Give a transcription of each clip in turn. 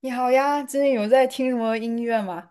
你好呀，最近有在听什么音乐吗？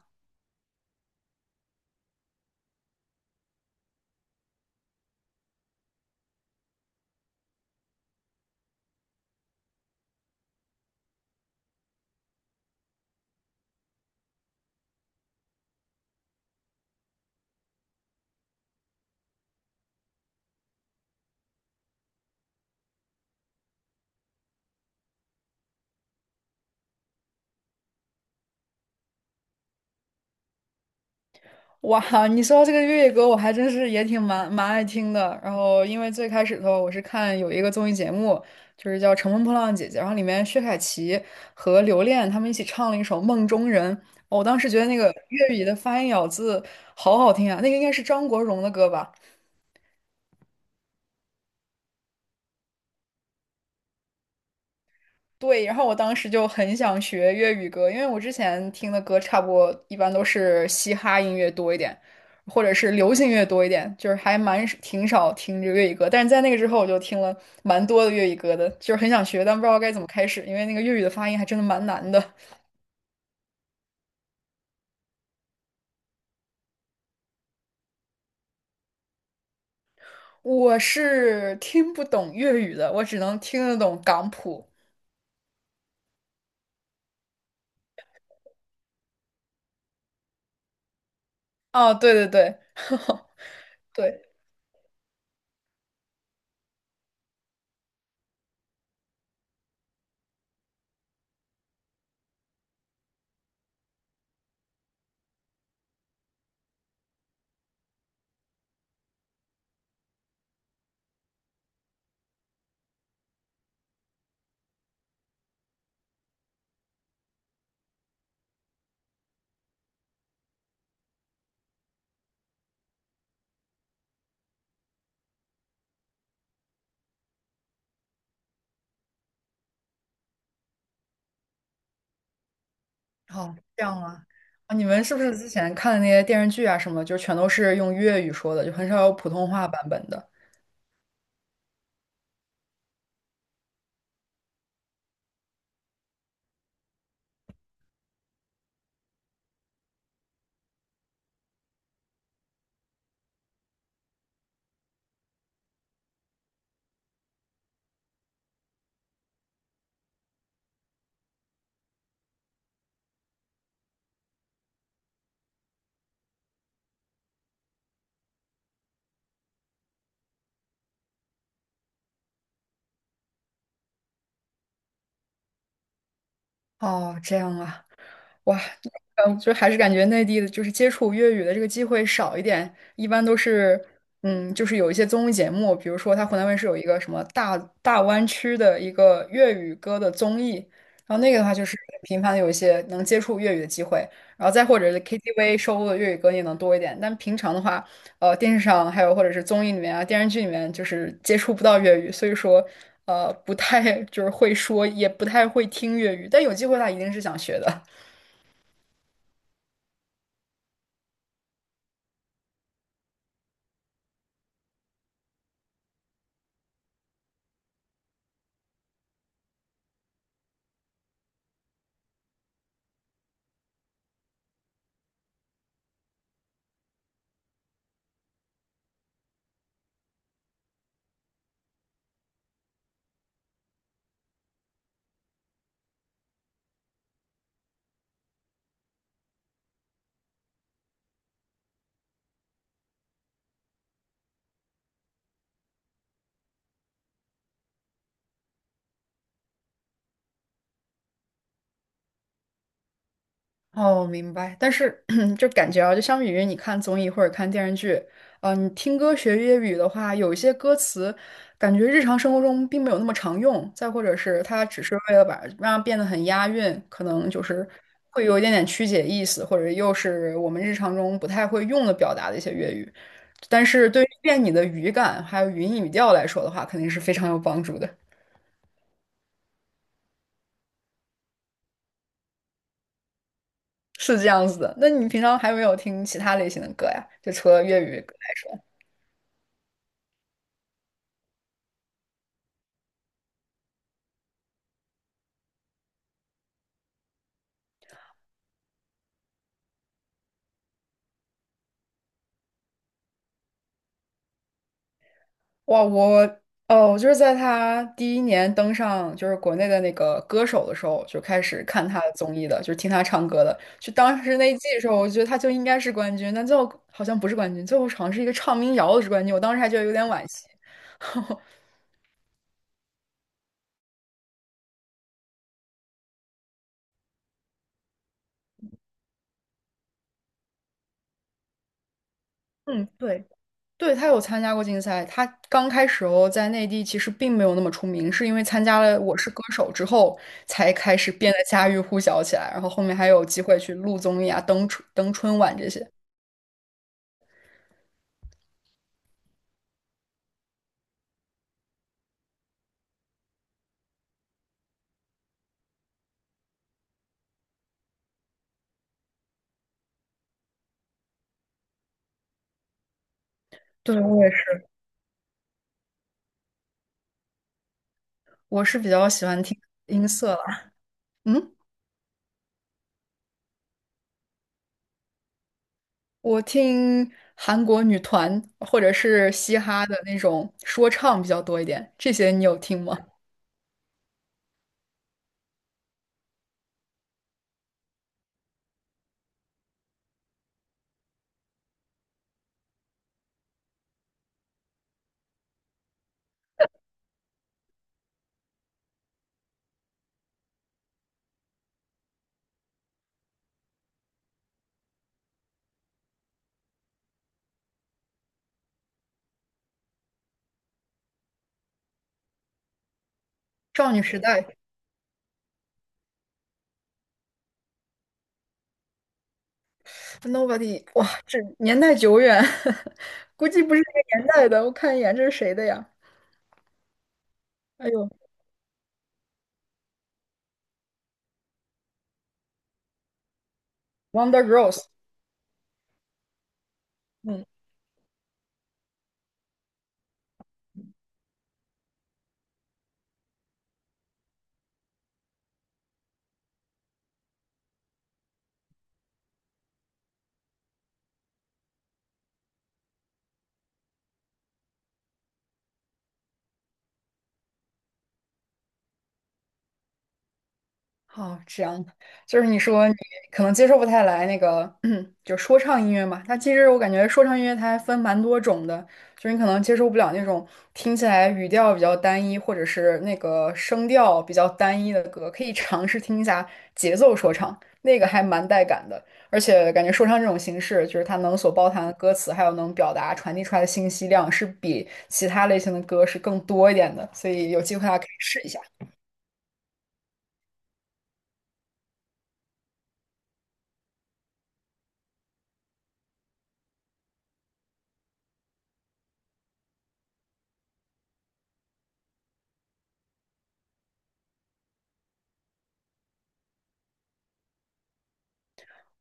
哇，你说到这个粤语歌，我还真是也挺蛮爱听的。然后，因为最开始的时候，我是看有一个综艺节目，就是叫《乘风破浪的姐姐》，然后里面薛凯琪和刘恋他们一起唱了一首《梦中人》，哦我当时觉得那个粤语的发音咬字好好听啊，那个应该是张国荣的歌吧？对，然后我当时就很想学粤语歌，因为我之前听的歌差不多一般都是嘻哈音乐多一点，或者是流行乐多一点，就是还蛮挺少听这个粤语歌。但是在那个之后，我就听了蛮多的粤语歌的，就是很想学，但不知道该怎么开始，因为那个粤语的发音还真的蛮难的。我是听不懂粤语的，我只能听得懂港普。哦，对对对，对。哦，这样啊，啊，你们是不是之前看的那些电视剧啊什么，就全都是用粤语说的，就很少有普通话版本的？哦，这样啊。哇，嗯，就还是感觉内地的，就是接触粤语的这个机会少一点，一般都是，嗯，就是有一些综艺节目，比如说他湖南卫视有一个什么大湾区的一个粤语歌的综艺，然后那个的话就是频繁的有一些能接触粤语的机会，然后再或者是 KTV 收录的粤语歌也能多一点，但平常的话，电视上还有或者是综艺里面啊、电视剧里面就是接触不到粤语，所以说，不太就是会说，也不太会听粤语，但有机会的话一定是想学的。哦，明白。但是 就感觉啊，就相比于你看综艺或者看电视剧，嗯，你听歌学粤语的话，有一些歌词感觉日常生活中并没有那么常用，再或者是它只是为了把让它变得很押韵，可能就是会有一点点曲解意思，或者又是我们日常中不太会用的表达的一些粤语。但是对于练你的语感还有语音语调来说的话，肯定是非常有帮助的。是这样子的。那你平常还有没有听其他类型的歌呀？就除了粤语。哇，我我就是在他第一年登上就是国内的那个歌手的时候，就开始看他的综艺的，就是听他唱歌的。就当时那一季的时候，我觉得他就应该是冠军，但最后好像不是冠军，最后好像是一个唱民谣的是冠军。我当时还觉得有点惋惜。嗯，对，对，他有参加过竞赛。他刚开始哦，在内地其实并没有那么出名，是因为参加了《我是歌手》之后，才开始变得家喻户晓起来。然后后面还有机会去录综艺啊、登春晚这些。对，我也是。我是比较喜欢听音色了。嗯，我听韩国女团或者是嘻哈的那种说唱比较多一点，这些你有听吗？少女时代，Nobody，哇，这年代久远，估计不是这个年代的。我看一眼，这是谁的呀？哎呦，Wonder Girls，嗯。哦，这样的，就是你说你可能接受不太来那个，就说唱音乐嘛。它其实我感觉说唱音乐它还分蛮多种的，就是你可能接受不了那种听起来语调比较单一，或者是那个声调比较单一的歌，可以尝试听一下节奏说唱，那个还蛮带感的。而且感觉说唱这种形式，就是它能所包含的歌词，还有能表达传递出来的信息量，是比其他类型的歌是更多一点的，所以有机会大家可以试一下。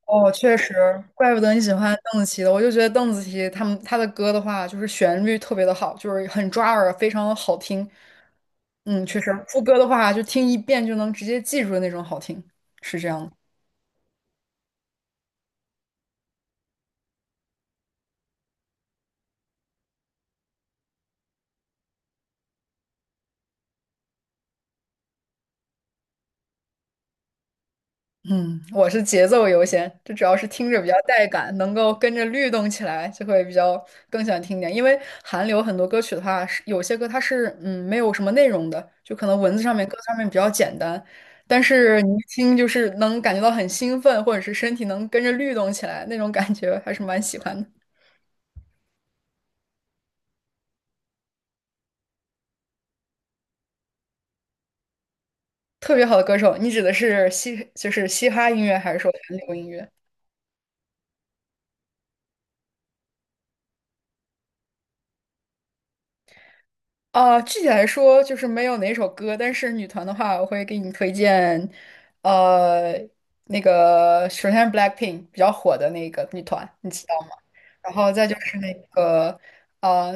哦，确实，怪不得你喜欢邓紫棋的。我就觉得邓紫棋他们他的歌的话，就是旋律特别的好，就是很抓耳，非常的好听。嗯，确实，副歌的话就听一遍就能直接记住的那种好听，是这样的。嗯，我是节奏优先，就主要是听着比较带感，能够跟着律动起来，就会比较更想听点。因为韩流很多歌曲的话，是有些歌它是嗯没有什么内容的，就可能文字上面、歌词上面比较简单，但是你一听就是能感觉到很兴奋，或者是身体能跟着律动起来，那种感觉还是蛮喜欢的。特别好的歌手，你指的是嘻就是嘻哈音乐，还是说韩流音乐？啊，具体来说就是没有哪首歌，但是女团的话，我会给你推荐，呃，那个首先是 BLACKPINK 比较火的那个女团，你知道吗？然后再就是那个，呃，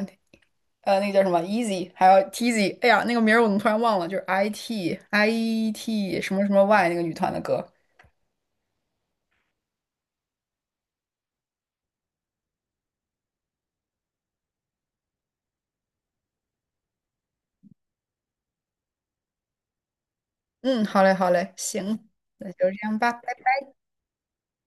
那个叫什么 Easy，还有 TZ，哎呀，那个名儿我怎么突然忘了？就是 IT 什么什么 Y 那个女团的歌。嗯，好嘞，好嘞，行，那就这样吧。拜拜。